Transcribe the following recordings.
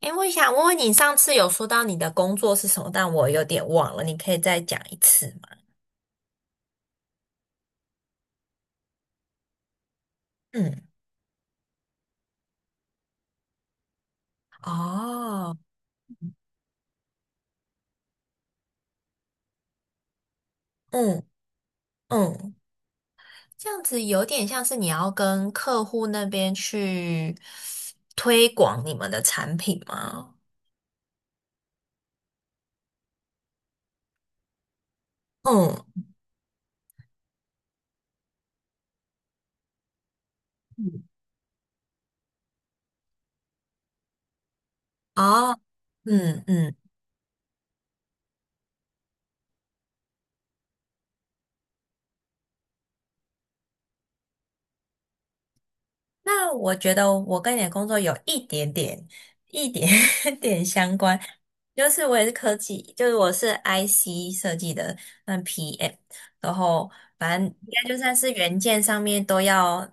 哎，我想问问你，上次有说到你的工作是什么，但我有点忘了，你可以再讲一次吗？嗯，哦，嗯嗯，这样子有点像是你要跟客户那边去推广你们的产品吗？嗯，嗯哦，嗯嗯。那我觉得我跟你的工作有一点点、一点 点相关，就是我也是科技，就是我是 IC 设计的，嗯，PM，然后反正应该就算是元件上面都要，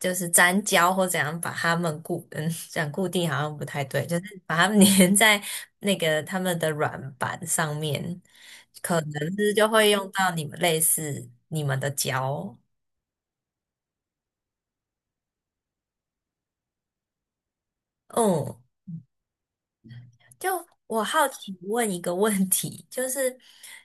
就是粘胶或怎样把它们固，嗯，讲固定好像不太对，就是把它们 粘在那个他们的软板上面，可能是就会用到你们类似你们的胶，嗯。就我好奇问一个问题，就是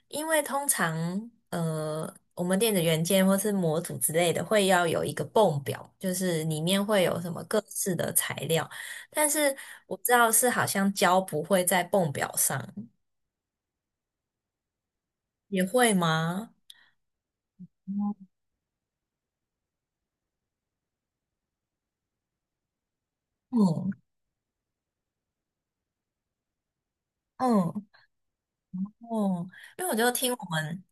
因为通常我们电子元件或是模组之类的会要有一个泵表，就是里面会有什么各式的材料，但是我知道是好像胶不会在泵表上，也会吗？嗯嗯嗯，因为我就听我们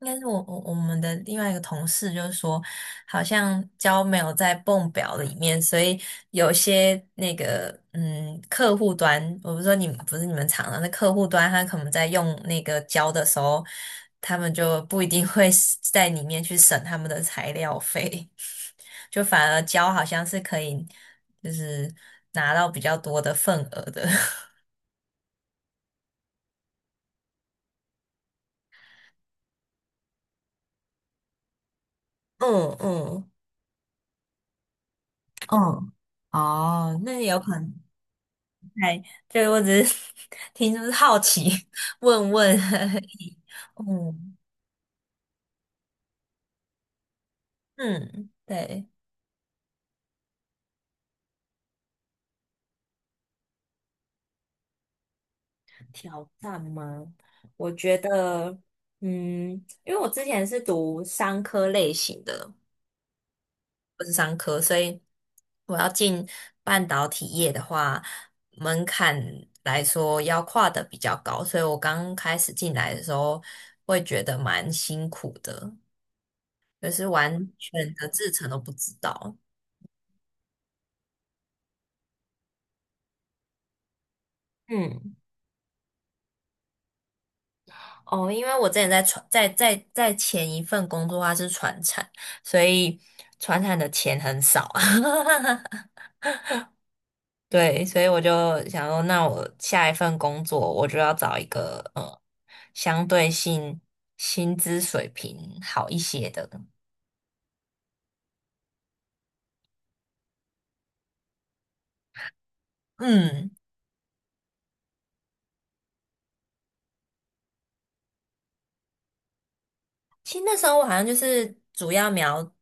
应该是我们的另外一个同事就是说，好像胶没有在泵表里面，所以有些那个客户端，我不是说你们不是你们厂的，那客户端他可能在用那个胶的时候，他们就不一定会是在里面去省他们的材料费，就反而胶好像是可以就是拿到比较多的份额的，嗯嗯。嗯，哦，那也有可能，哎，这个我只是 听就是好奇，问问而已。嗯嗯，对，挑战吗？我觉得，嗯，因为我之前是读商科类型的，不是商科，所以我要进半导体业的话，门槛来说要跨的比较高，所以我刚开始进来的时候会觉得蛮辛苦的，就是完全的制成都不知道。嗯。哦，因为我之前在传在在在前一份工作它是船产，所以船产的钱很少，对，所以我就想说，那我下一份工作我就要找一个相对性薪资水平好一些的。嗯，其实那时候我好像就是主要瞄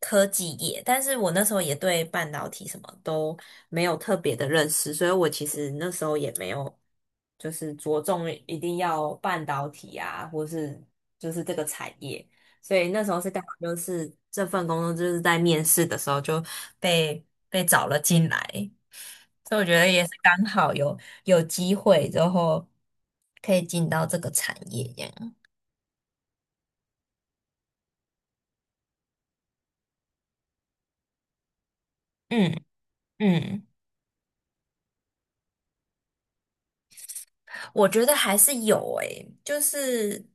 科技业，但是我那时候也对半导体什么都没有特别的认识，所以我其实那时候也没有。就是着重一定要半导体啊，或是就是这个产业。所以那时候是刚好就是这份工作就是在面试的时候就被被找了进来，所以我觉得也是刚好有机会之后可以进到这个产业这样。嗯嗯。我觉得还是有诶，就是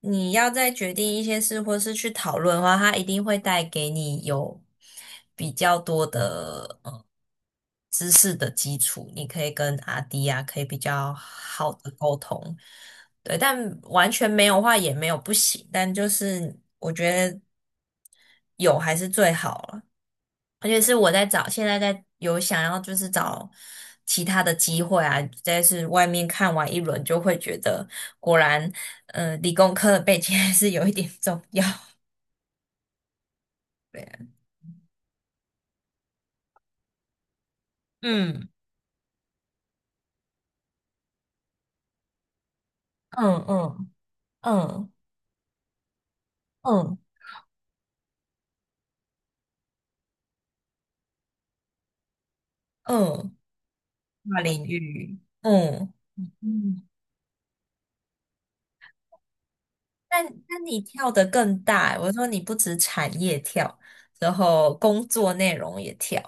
你要再决定一些事，或是去讨论的话，它一定会带给你有比较多的知识的基础，你可以跟阿迪啊，可以比较好的沟通。对，但完全没有的话也没有不行，但就是我觉得有还是最好了。而且是我在找，现在在有想要就是找其他的机会啊，再是外面看完一轮就会觉得，果然，理工科的背景还是有一点重要。对啊，嗯嗯嗯嗯嗯嗯，跨领域，嗯。嗯。但你跳得更大欸，我说你不止产业跳，然后工作内容也跳。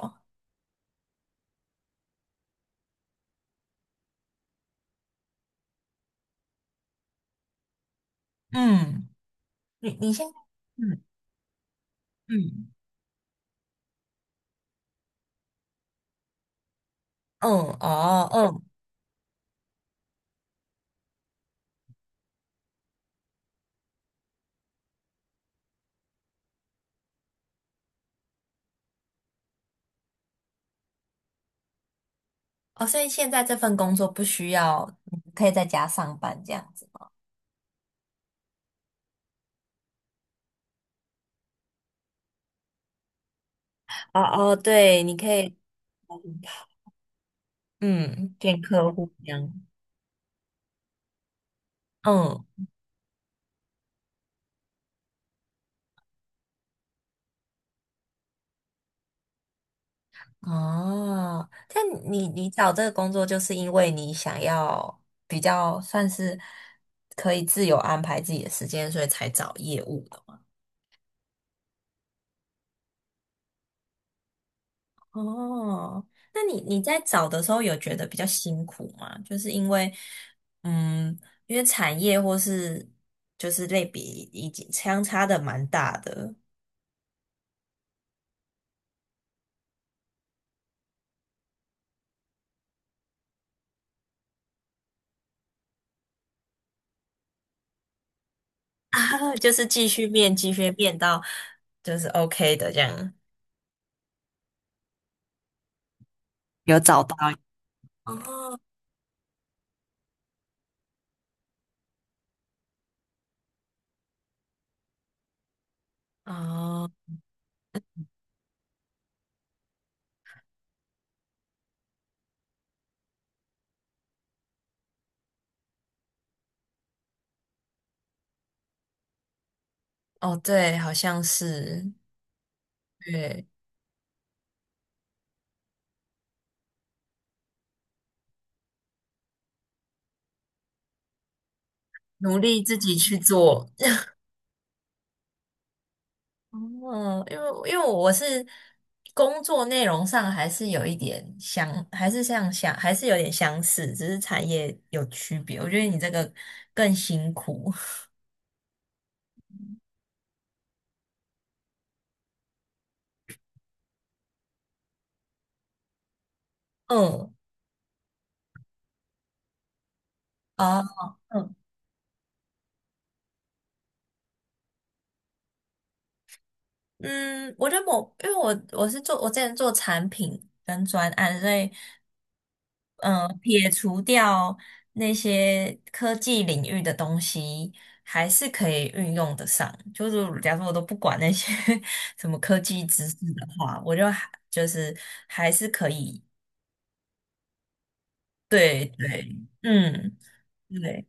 嗯，你现在嗯嗯嗯哦嗯。哦，所以现在这份工作不需要，你可以在家上班这样子。哦哦，对，你可以嗯见客户这样。嗯。哦，但你找这个工作就是因为你想要比较算是可以自由安排自己的时间，所以才找业务。哦，那你在找的时候有觉得比较辛苦吗？就是因为，嗯，因为产业或是就是类比已经相差的蛮大的，就是继续变，继续变到就是 OK 的这样。有找到，哦哦哦，对，好像是，对，努力自己去做。哦，因为我是工作内容上还是有一点相，还是像相，还是有点相似，只是产业有区别。我觉得你这个更辛苦。嗯，啊，嗯嗯，我觉得我因为我是做我之前做产品跟专案，所以。嗯，撇除掉那些科技领域的东西，还是可以运用得上。就是假如说我都不管那些 什么科技知识的话，我就还就是还是可以。对对，嗯，对。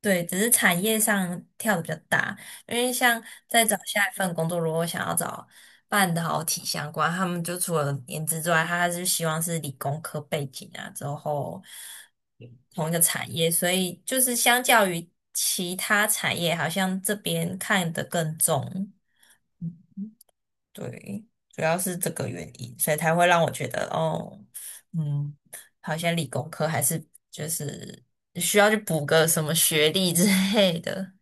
对，只是产业上跳的比较大，因为像在找下一份工作，如果想要找半导体相关，他们就除了颜值之外，他还是希望是理工科背景啊，之后同一个产业，所以就是相较于其他产业，好像这边看得更重。对，主要是这个原因，所以才会让我觉得，哦，嗯，好像理工科还是就是需要去补个什么学历之类的。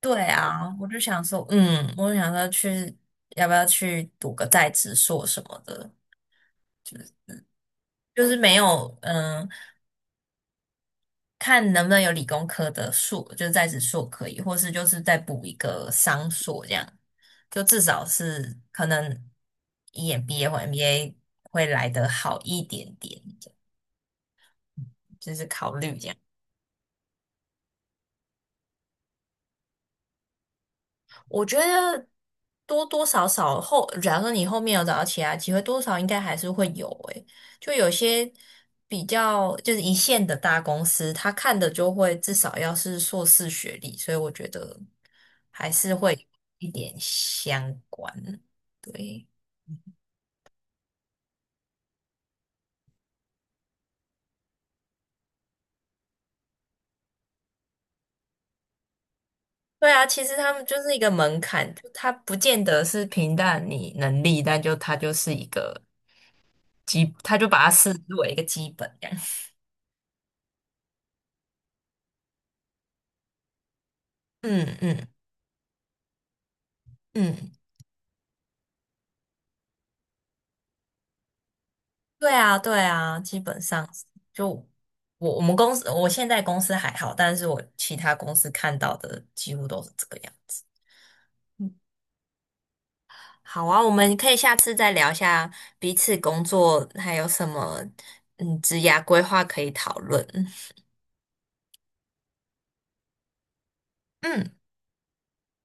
对啊，我就想说，嗯，我就想说去，要不要去读个在职硕什么的，就是没有，嗯、看能不能有理工科的硕，就是在职硕可以，或是就是再补一个商硕这样，就至少是可能 EMBA 或 MBA 会来得好一点点。我觉得多多少少后，假如说你后面有找到其他机会，多少应该还是会有诶、就有些比较就是一线的大公司，他看的就会至少要是硕士学历，所以我觉得还是会有一点相关。对，对啊，其实他们就是一个门槛，就他不见得是平淡你能力，但就他就是一个基，他就把它视为一个基本这样。嗯嗯嗯。对啊，对啊，基本上是就我们公司，我现在公司还好，但是我其他公司看到的几乎都是这个样子。好啊，我们可以下次再聊一下彼此工作还有什么嗯职涯规划可以讨论。嗯。